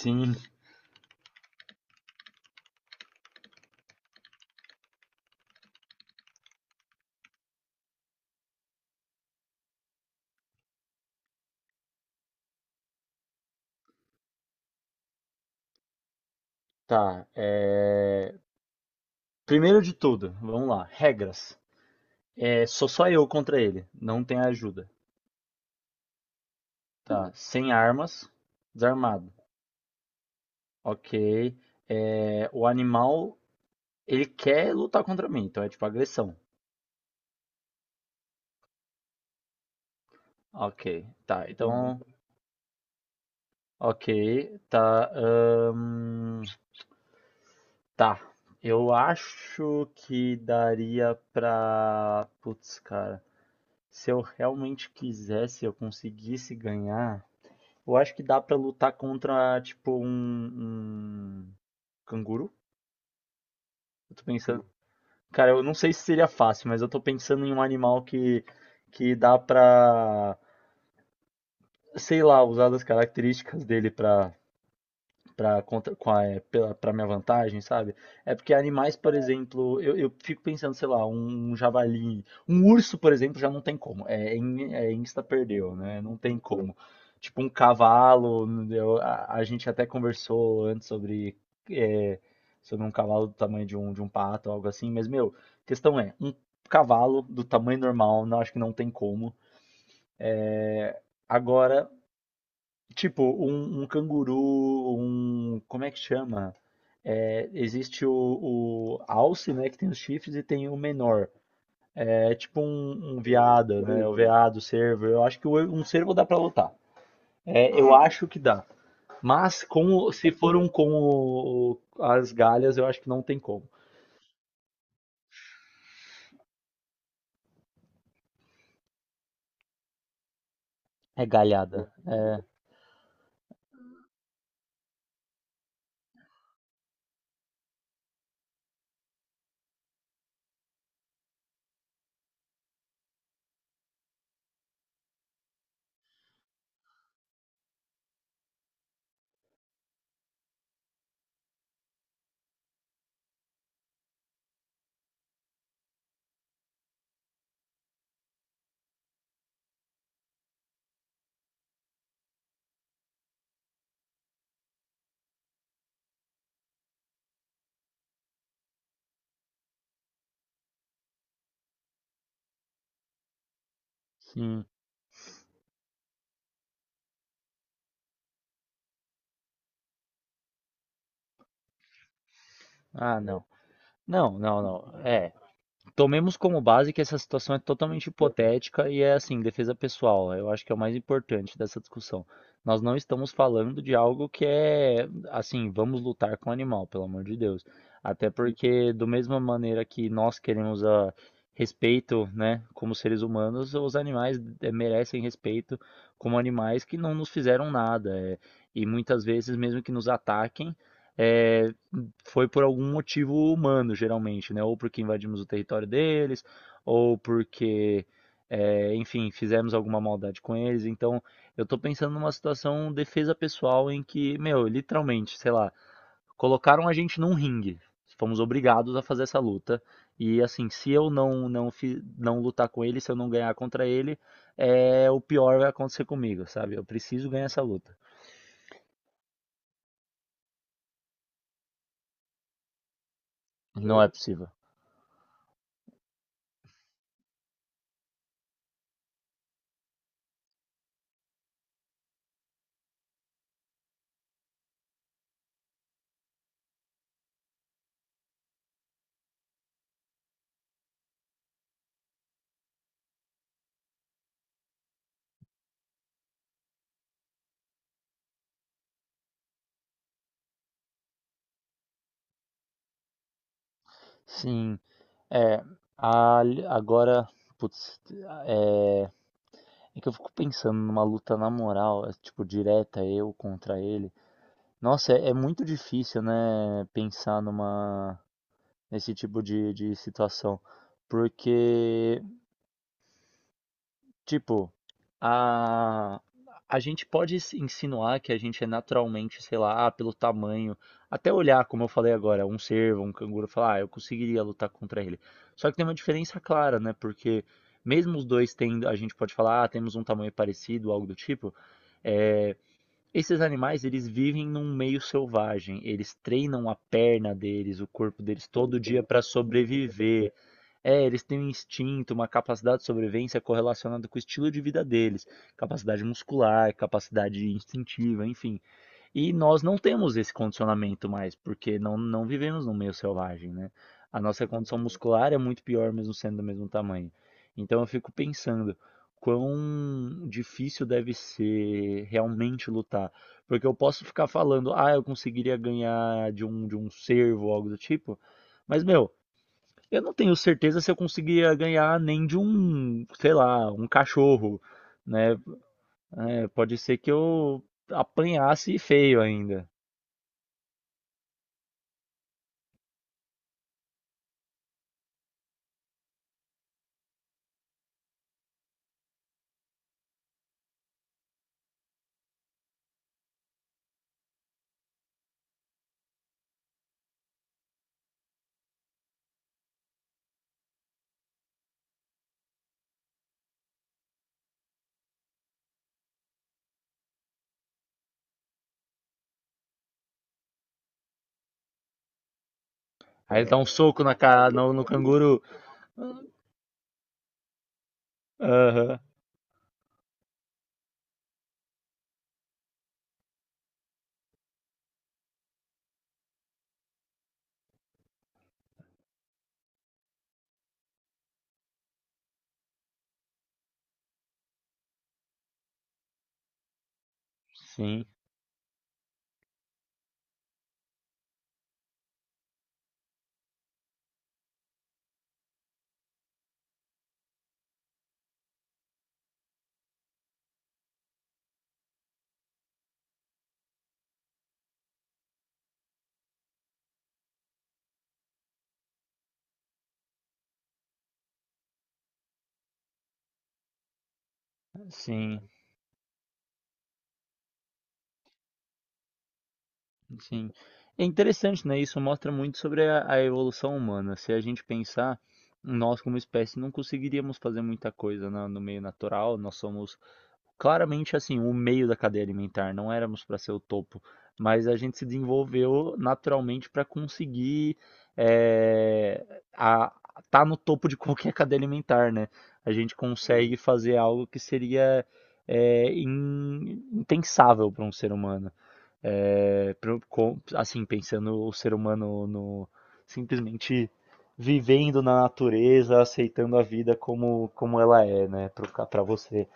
Sim, tá. Primeiro de tudo, vamos lá. Regras. É, sou só eu contra ele. Não tem ajuda. Tá. Sem armas, desarmado. Ok. O animal, ele quer lutar contra mim, então é tipo agressão. Ok. Tá, então, ok. Tá. ahn, Tá. Eu acho que daria pra. Putz, cara. Se eu realmente quisesse, eu conseguisse ganhar. Eu acho que dá pra lutar contra, tipo, um canguru. Eu tô pensando. Cara, eu não sei se seria fácil, mas eu tô pensando em um animal que dá pra, sei lá, usar das características dele pra para contra, com a, é, pela, pra minha vantagem, sabe? É porque animais, por exemplo, eu fico pensando, sei lá, um javali, um urso, por exemplo, já não tem como. É insta perdeu, né? Não tem como. Tipo um cavalo, a gente até conversou antes sobre, é, sobre um cavalo do tamanho de de um pato, algo assim, mas, meu, questão é, um cavalo do tamanho normal, não acho que não tem como. Agora, tipo, um canguru, Como é que chama? É, existe o alce, né, que tem os chifres, e tem o menor. É tipo um veado, né? O veado, o cervo. Eu acho que um cervo dá pra lutar. É, eu acho que dá. Mas se for um com as galhas, eu acho que não tem como. É galhada. Hum. Ah, não. Não, não, não. É, tomemos como base que essa situação é totalmente hipotética e é assim, defesa pessoal. Eu acho que é o mais importante dessa discussão. Nós não estamos falando de algo que é assim, vamos lutar com o animal, pelo amor de Deus. Até porque, do mesma maneira que nós queremos respeito, né, como seres humanos, os animais merecem respeito como animais que não nos fizeram nada. E muitas vezes, mesmo que nos ataquem, é, foi por algum motivo humano, geralmente, né? Ou porque invadimos o território deles, ou porque, é, enfim, fizemos alguma maldade com eles. Então, eu tô pensando numa situação defesa pessoal em que, meu, literalmente, sei lá, colocaram a gente num ringue. Fomos obrigados a fazer essa luta. E assim, se eu não lutar com ele, se eu não ganhar contra ele, é o pior vai acontecer comigo, sabe? Eu preciso ganhar essa luta. Não é possível. Sim. É, a- agora, putz, é, é que eu fico pensando numa luta na moral, é, tipo, direta eu contra ele. Nossa, é muito difícil, né, pensar nesse tipo de situação, porque tipo, a, a gente pode se insinuar que a gente é naturalmente, sei lá, ah, pelo tamanho, até olhar, como eu falei agora, um cervo, um canguru, falar, ah, eu conseguiria lutar contra ele. Só que tem uma diferença clara, né? Porque mesmo os dois tendo, a gente pode falar, ah, temos um tamanho parecido, algo do tipo, é, esses animais, eles vivem num meio selvagem, eles treinam a perna deles, o corpo deles todo dia para sobreviver. É, eles têm um instinto, uma capacidade de sobrevivência correlacionada com o estilo de vida deles, capacidade muscular, capacidade instintiva, enfim. E nós não temos esse condicionamento mais, porque não vivemos num meio selvagem, né? A nossa condição muscular é muito pior mesmo sendo do mesmo tamanho. Então eu fico pensando quão difícil deve ser realmente lutar, porque eu posso ficar falando, ah, eu conseguiria ganhar de um cervo ou algo do tipo, mas meu eu não tenho certeza se eu conseguiria ganhar nem de um, sei lá, um cachorro, né? É, pode ser que eu apanhasse feio ainda. Aí ele dá um soco na cara, no canguru. Aham, sim, sim. Sim. É interessante, né? Isso mostra muito sobre a evolução humana. Se a gente pensar, nós como espécie não conseguiríamos fazer muita coisa no meio natural. Nós somos claramente assim, o meio da cadeia alimentar. Não éramos para ser o topo, mas a gente se desenvolveu naturalmente para conseguir é, a, tá no topo de qualquer cadeia alimentar, né? A gente consegue fazer algo que seria impensável para um ser humano assim, pensando o ser humano no, simplesmente vivendo na natureza, aceitando a vida como, como ela é, né, pra você.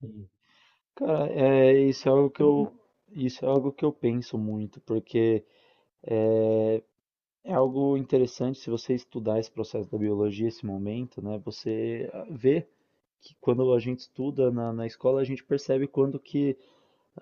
Sim. Cara, isso é algo que eu, isso é algo que eu penso muito, porque é, é algo interessante se você estudar esse processo da biologia, esse momento, né? Você vê que quando a gente estuda na escola, a gente percebe quando que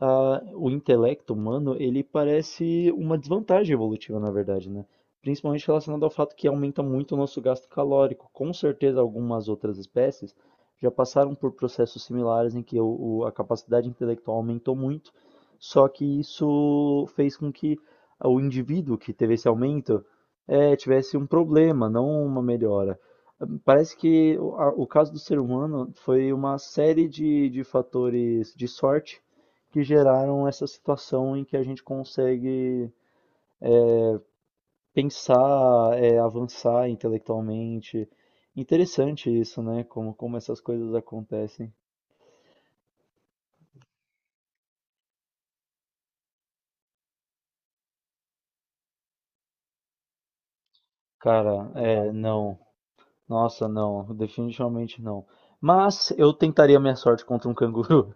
o intelecto humano, ele parece uma desvantagem evolutiva, na verdade, né? Principalmente relacionado ao fato que aumenta muito o nosso gasto calórico. Com certeza, algumas outras espécies já passaram por processos similares em que a capacidade intelectual aumentou muito, só que isso fez com que o indivíduo que teve esse aumento tivesse um problema, não uma melhora. Parece que o caso do ser humano foi uma série de fatores de sorte que geraram essa situação em que a gente consegue pensar, é, avançar intelectualmente. Interessante isso, né? Como, como essas coisas acontecem. Cara, é, não. Nossa, não. Definitivamente não. Mas eu tentaria minha sorte contra um canguru.